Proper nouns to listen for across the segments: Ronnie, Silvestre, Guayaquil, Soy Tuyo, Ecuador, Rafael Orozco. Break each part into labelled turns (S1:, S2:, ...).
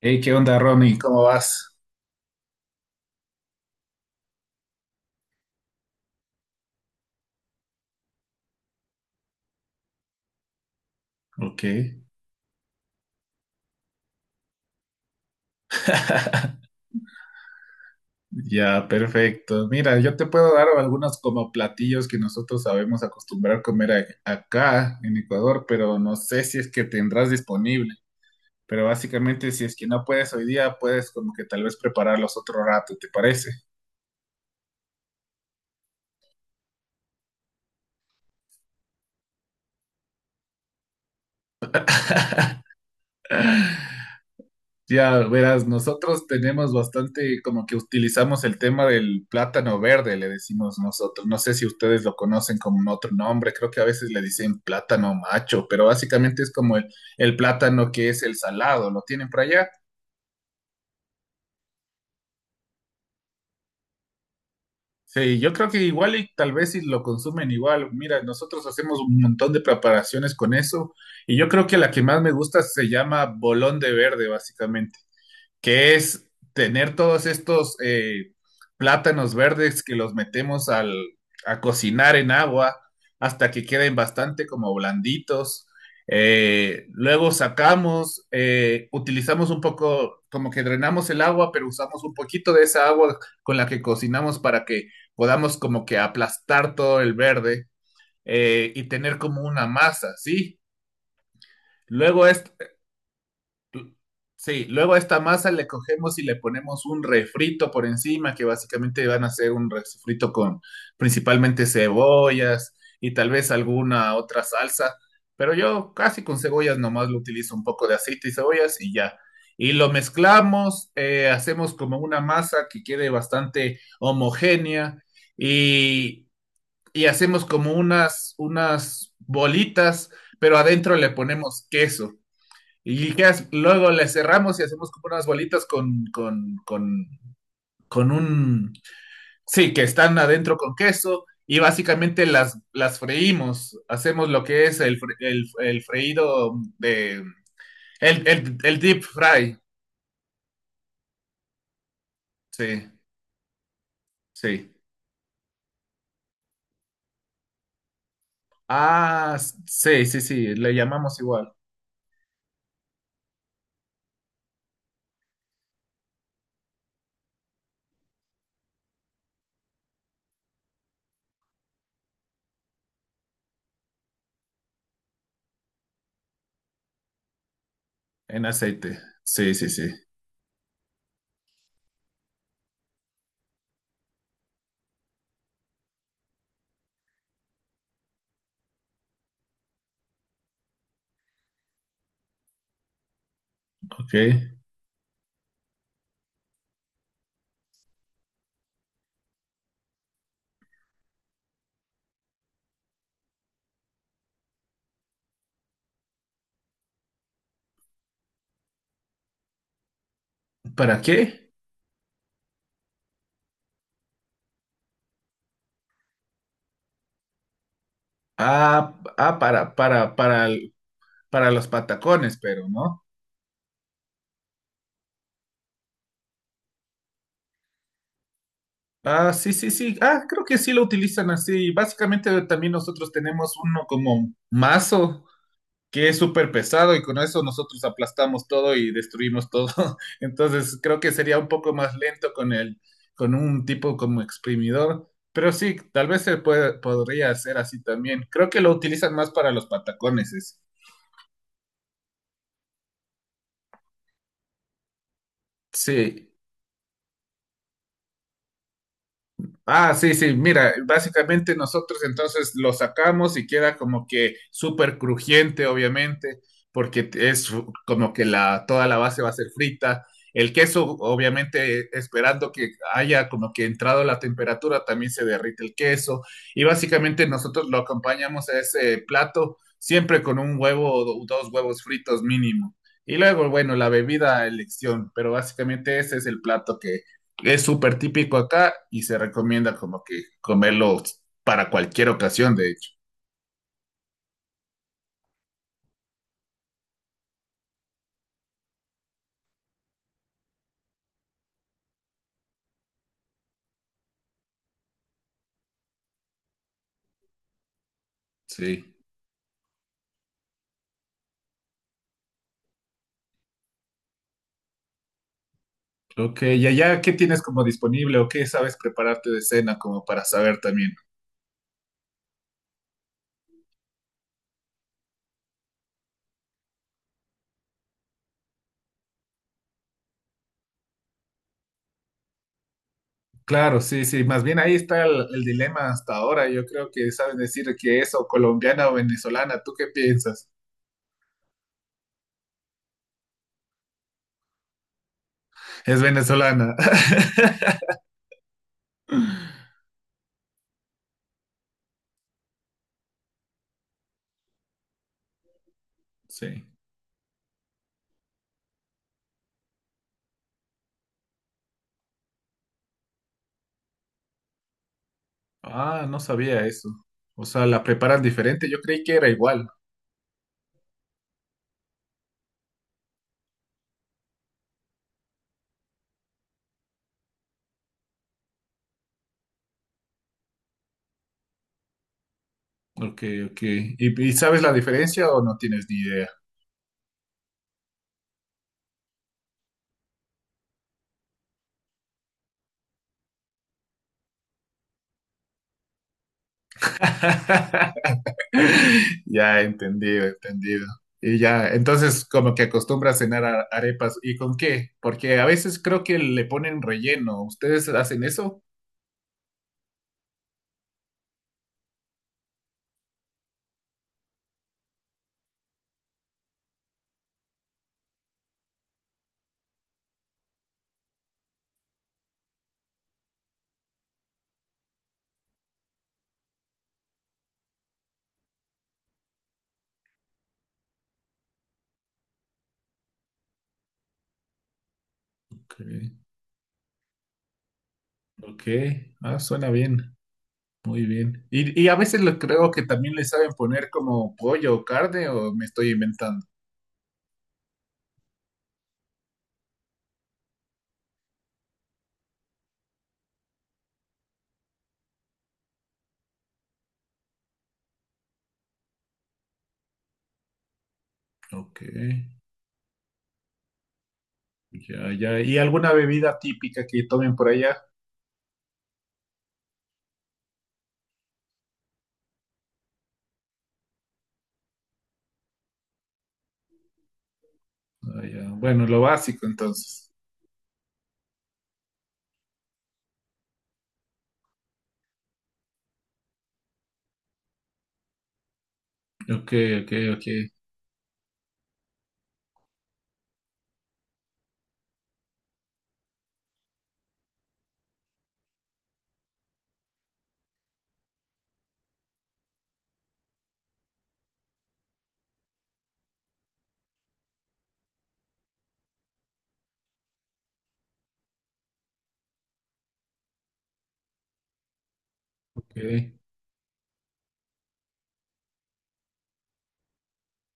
S1: Hey, ¿qué onda, Ronnie? ¿Cómo vas? Ok, ya, perfecto. Mira, yo te puedo dar algunos como platillos que nosotros sabemos acostumbrar a comer acá en Ecuador, pero no sé si es que tendrás disponible. Pero básicamente, si es que no puedes hoy día, puedes como que tal vez prepararlos otro rato, ¿te parece? Ya verás, nosotros tenemos bastante como que utilizamos el tema del plátano verde, le decimos nosotros. No sé si ustedes lo conocen como un otro nombre, creo que a veces le dicen plátano macho, pero básicamente es como el plátano que es el salado, ¿lo tienen por allá? Sí, yo creo que igual y tal vez si lo consumen igual. Mira, nosotros hacemos un montón de preparaciones con eso y yo creo que la que más me gusta se llama bolón de verde, básicamente. Que es tener todos estos plátanos verdes que los metemos a cocinar en agua hasta que queden bastante como blanditos. Luego sacamos, utilizamos un poco, como que drenamos el agua, pero usamos un poquito de esa agua con la que cocinamos para que podamos como que aplastar todo el verde y tener como una masa, ¿sí? Luego es, Sí, luego a esta masa le cogemos y le ponemos un refrito por encima, que básicamente van a ser un refrito con principalmente cebollas y tal vez alguna otra salsa, pero yo casi con cebollas nomás lo utilizo un poco de aceite y cebollas y ya. Y lo mezclamos, hacemos como una masa que quede bastante homogénea y, y hacemos como unas bolitas, pero adentro le ponemos queso. Y ¿qué Luego le cerramos y hacemos como unas bolitas con un... Sí, que están adentro con queso y básicamente las freímos. Hacemos lo que es el freído de... El deep fry. Sí, sí. Ah, sí, sí, sí. Le llamamos igual en aceite. Sí, sí, sí. Ok. ¿Para qué? Ah, ah para los patacones, pero, ¿no? Ah, sí, sí, sí. Ah, creo que sí lo utilizan así. Básicamente también nosotros tenemos uno como mazo que es súper pesado y con eso nosotros aplastamos todo y destruimos todo. Entonces creo que sería un poco más lento con con un tipo como exprimidor. Pero sí, tal vez se puede, podría hacer así también. Creo que lo utilizan más para los patacones. Sí. Ah, sí, sí, mira, básicamente nosotros entonces lo sacamos y queda como que súper crujiente, obviamente, porque es como que toda la base va a ser frita. El queso, obviamente, esperando que haya como que entrado la temperatura, también se derrite el queso. Y básicamente nosotros lo acompañamos a ese plato siempre con un huevo o dos huevos fritos mínimo. Y luego, bueno, la bebida a elección, pero básicamente ese es el plato, es súper típico acá y se recomienda como que comerlo para cualquier ocasión, de hecho. Sí. Ok, y allá, ¿qué tienes como disponible o qué sabes prepararte de cena como para saber también? Claro, sí, sí, más bien ahí está el dilema hasta ahora. Yo creo que sabes decir que es o colombiana o venezolana. ¿Tú qué piensas? Es venezolana. Sí. Ah, no sabía eso. O sea, la preparan diferente. Yo creí que era igual. Ok, ok. Y sabes la diferencia o no tienes ni idea? Ya, entendido, entendido. Y ya, entonces como que acostumbra a cenar arepas. ¿Y con qué? Porque a veces creo que le ponen relleno. ¿Ustedes hacen eso? Ok, ok. Ah, suena bien. Muy bien. Y a veces lo creo que también le saben poner como pollo o carne o me estoy inventando. Ok, ya, ya. ¿Y alguna bebida típica que tomen por allá? Ah, ya. Bueno, lo básico entonces. Ok, ok, ok, ok.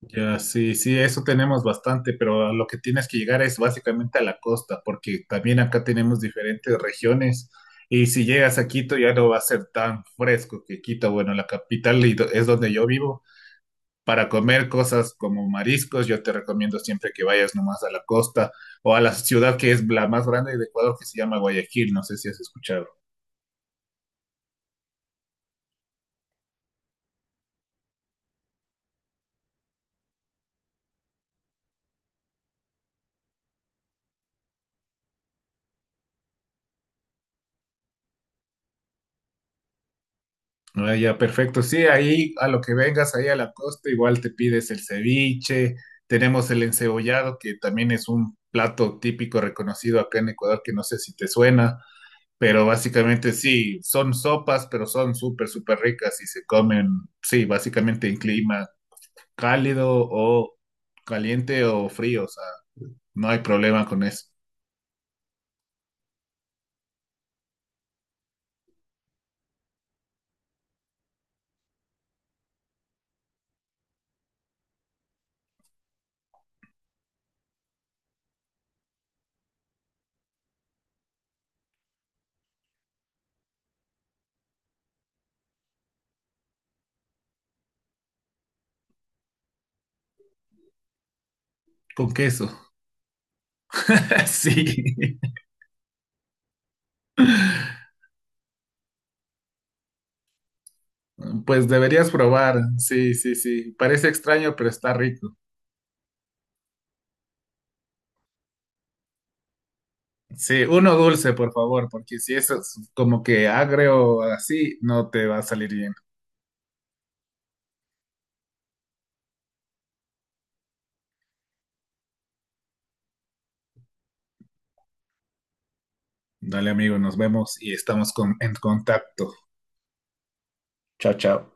S1: Ya, sí, sí, eso tenemos bastante, pero a lo que tienes que llegar es básicamente a la costa, porque también acá tenemos diferentes regiones y si llegas a Quito ya no va a ser tan fresco que Quito, bueno, la capital y es donde yo vivo. Para comer cosas como mariscos, yo te recomiendo siempre que vayas nomás a la costa o a la ciudad que es la más grande de Ecuador, que se llama Guayaquil, no sé si has escuchado. Ah, ya, perfecto. Sí, ahí a lo que vengas, ahí a la costa, igual te pides el ceviche, tenemos el encebollado, que también es un plato típico reconocido acá en Ecuador, que no sé si te suena, pero básicamente sí, son sopas, pero son súper, súper ricas y se comen, sí, básicamente en clima cálido o caliente o frío, o sea, no hay problema con eso. Con queso. Sí. Pues deberías probar. Sí, sí, sí. Parece extraño, pero está rico. Sí, uno dulce, por favor, porque si eso es como que agrio o así, no te va a salir bien. Dale, amigo, nos vemos y estamos en contacto. Chao, chao.